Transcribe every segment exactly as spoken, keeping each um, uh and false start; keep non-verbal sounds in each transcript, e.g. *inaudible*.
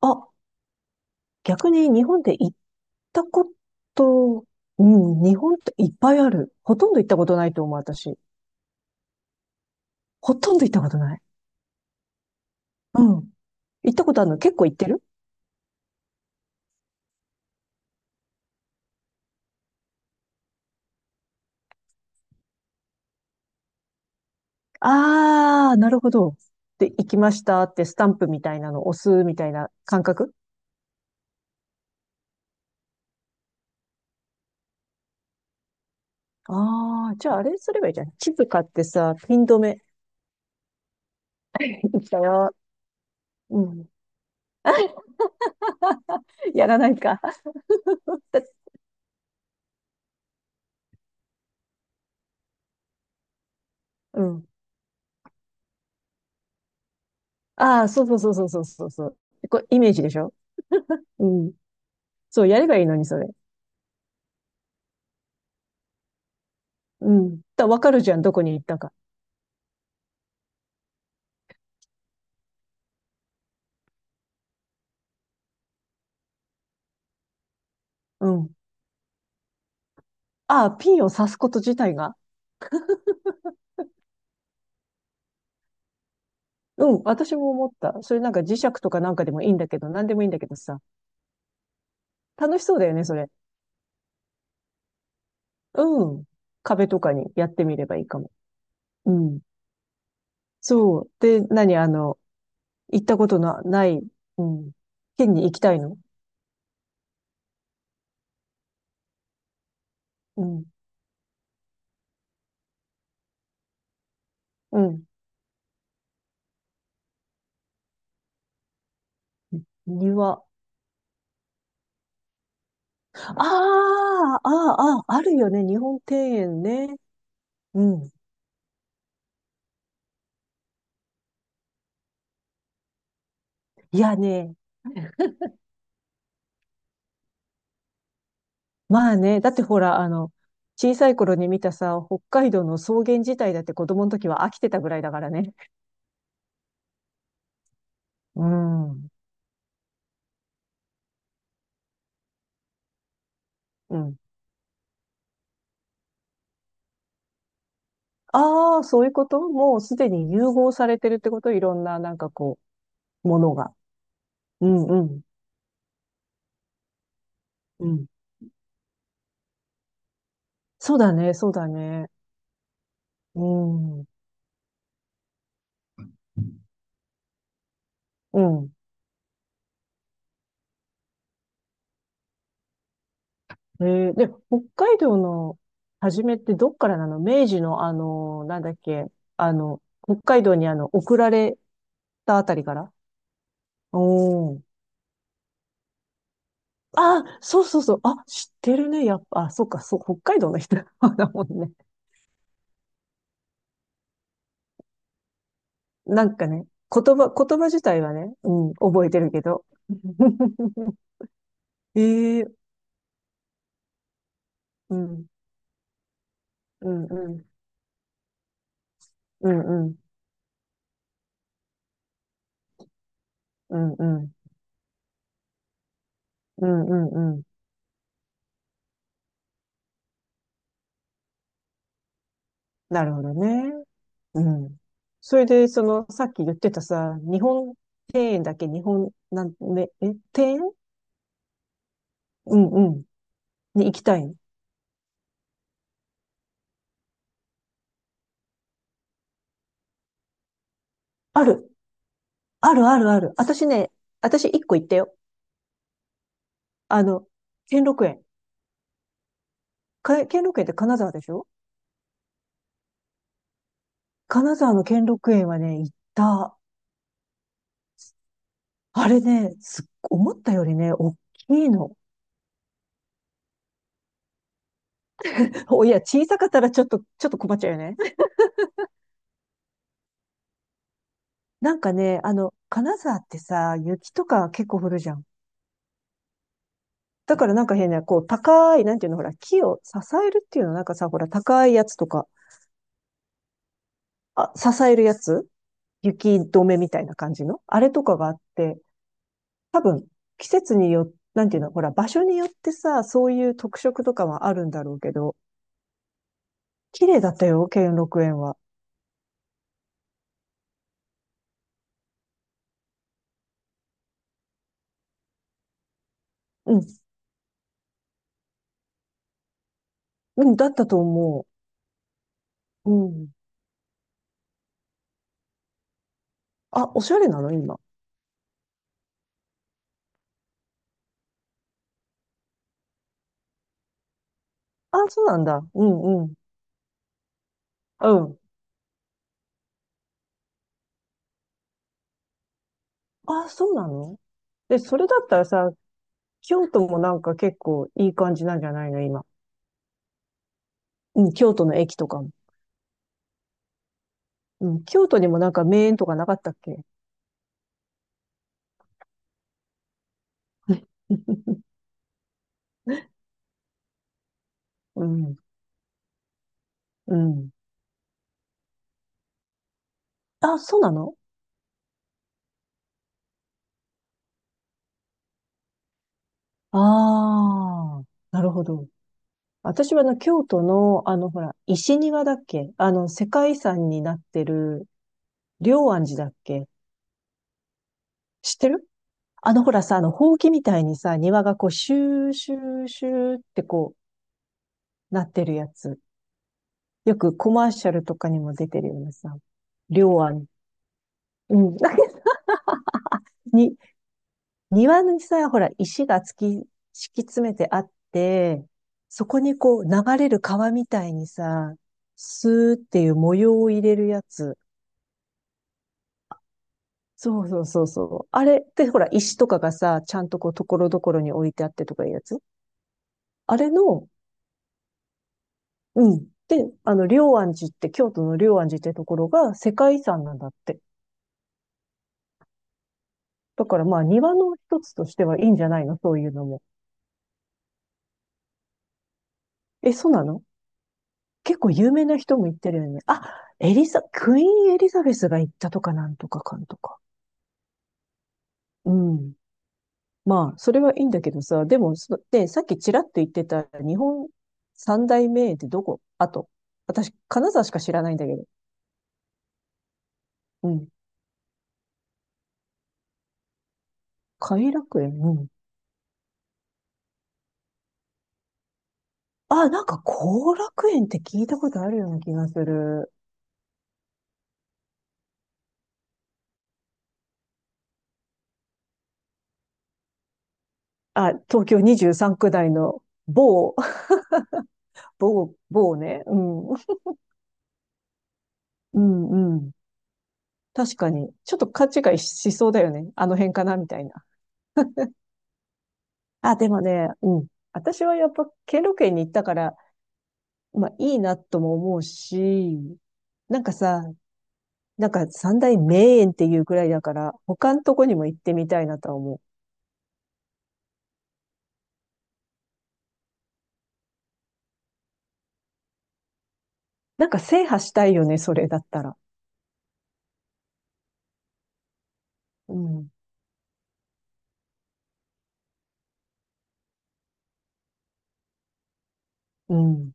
あ、逆に日本で行ったこと、うん、日本っていっぱいある。ほとんど行ったことないと思う、私。ほとんど行ったことない。うん。行ったことあるの結構行ってる？あー、なるほど。で、行きましたってスタンプみたいなの押すみたいな感覚？あー、じゃああれすればいいじゃん。地図買ってさ、ピン止め、行ったよ。うん。やらないか。*laughs* だ、うん。あー、そうそうそうそうそうそうそう。これイメージでしょ？うん。そう、やればいいのに、それ。うん。だ、わかるじゃん、どこに行ったか。うん。ああ、ピンを刺すこと自体が。うん、私も思った。それなんか磁石とかなんかでもいいんだけど、なんでもいいんだけどさ。楽しそうだよね、それ。うん。壁とかにやってみればいいかも。うん。そう。で、何あの、行ったことのない、うん、県に行きたいの？うん。うん。庭。ああ、ああ、ああ、あるよね。日本庭園ね。うん。いやね、まあね、だってほら、あの、小さい頃に見たさ、北海道の草原自体だって子供の時は飽きてたぐらいだからね。うん。うん。ああ、そういうこともうすでに融合されてるってこと、いろんな、なんかこう、ものが。うんうん。うん。そうだね、そうだね。うん。うん。えーで、北海道の初めってどっからなの？明治のあの、なんだっけ、あの、北海道にあの、送られたあたりから？おー。ああ、そうそうそう。あ、知ってるね。やっぱ、あ、そうか、そう、北海道の人 *laughs* まだもんね。なんかね、言葉、言葉自体はね、うん、覚えてるけど。*laughs* ええ、うん、うん、うん、うん、うん、うん、うん、うん、うんうん。なるほどね。うん。それで、その、さっき言ってたさ、日本庭園だっけ？日本、なん、ね、え、庭園？うんうん。に行きたいの。ある。あるあるある。私ね、私一個行ったよ。あの、兼六園。か兼六園って金沢でしょ？金沢の兼六園はね、行った。あれね、すっ思ったよりね、大きいの。*laughs* お、いや、小さかったらちょっと、ちょっと困っちゃうよね。*laughs* なんかね、あの、金沢ってさ、雪とか結構降るじゃん。だからなんか変な、こう、高い、なんていうの、ほら、木を支えるっていうの、なんかさ、ほら、高いやつとか、あ、支えるやつ、雪止めみたいな感じのあれとかがあって、多分、季節によって、なんていうの、ほら、場所によってさ、そういう特色とかはあるんだろうけど、綺麗だったよ、兼六園は。うん。うん、だったと思う。うん。あ、おしゃれなの今？あ、そうなんだ。うんうん。うん。あ、そうなの？で、それだったらさ、京都もなんか結構いい感じなんじゃないの今？うん、京都の駅とかも。うん、京都にもなんか名園とかなかったっけ？ *laughs* うん、うん。あ、そうなの？ああー、なるほど。私はあの、京都の、あの、ほら、石庭だっけ？あの、世界遺産になってる、龍安寺だっけ？知ってる？あの、ほらさ、あの、ほうきみたいにさ、庭がこう、シューシューシューってこう、なってるやつ。よくコマーシャルとかにも出てるようなさ、両案。うん。*laughs* なんかに、庭にさ、ほら、石が突き、敷き詰めてあって、そこにこう、流れる川みたいにさ、スーっていう模様を入れるやつ。そうそうそうそう。あれってほら、石とかがさ、ちゃんとこう、ところどころに置いてあってとかいうやつ。あれの、うん。で、あの、龍安寺って、京都の龍安寺ってところが世界遺産なんだって。だからまあ、庭の一つとしてはいいんじゃないの？そういうのも。え、そうなの？結構有名な人も行ってるよね。あ、エリザ、クイーンエリザベスが行ったとかなんとかかんとか。うん。まあ、それはいいんだけどさ、でも、そで、さっきちらっと言ってた日本三大名園ってどこ？あと、私、金沢しか知らないんだけど。うん。偕楽園、うん。あ、なんか後楽園って聞いたことあるような気がする。あ、東京にじゅうさん区内の某、*laughs* 某、某ね。うん。うん、うん。確かに。ちょっと勘違いしそうだよね。あの辺かなみたいな。あ、でもね、うん。私はやっぱ、兼六園に行ったから、まあ、いいなとも思うし、なんかさ、なんか三大名園っていうくらいだから、他のとこにも行ってみたいなとは思う。なんか制覇したいよね、それだったら。うん。うん。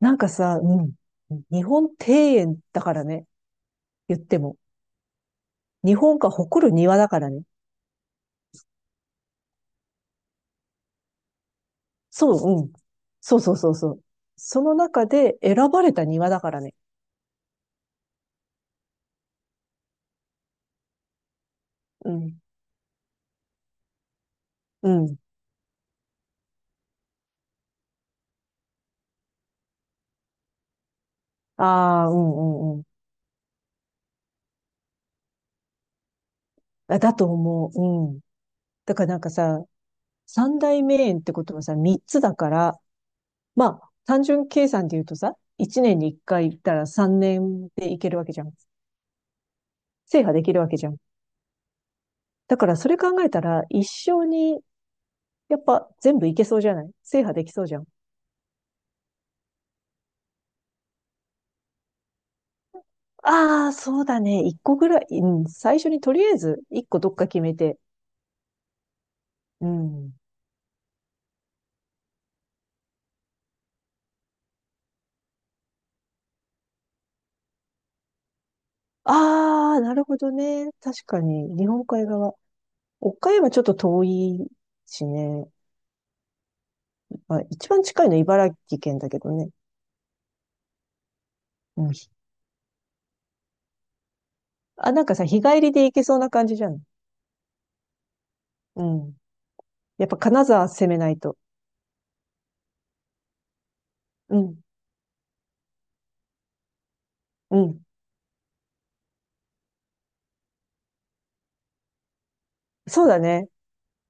なんかさ、うん。日本庭園だからね、言っても。日本が誇る庭だからね。そう、うん。そうそうそうそう。その中で選ばれた庭だからね。うん。うん。ああ、うんうんうん。あ、だと思う。うん。だからなんかさ、三大名園ってことはさ、三つだから、まあ、単純計算で言うとさ、一年に一回行ったら三年で行けるわけじゃん。制覇できるわけじゃん。だからそれ考えたら、一生に、やっぱ全部行けそうじゃない？制覇できそうじゃん。ああ、そうだね。一個ぐらい、うん、最初にとりあえず一個どっか決めて。うん。ああ、なるほどね。確かに、日本海側。岡山ちょっと遠いしね。まあ、一番近いのは茨城県だけどね。うん。あ、なんかさ、日帰りで行けそうな感じじゃん。うん。やっぱ金沢攻めないと。うん。うん。そうだね。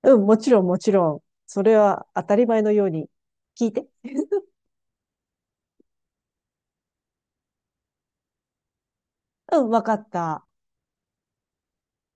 うん、もちろん、もちろん。それは当たり前のように。聞いて。うん、わかった。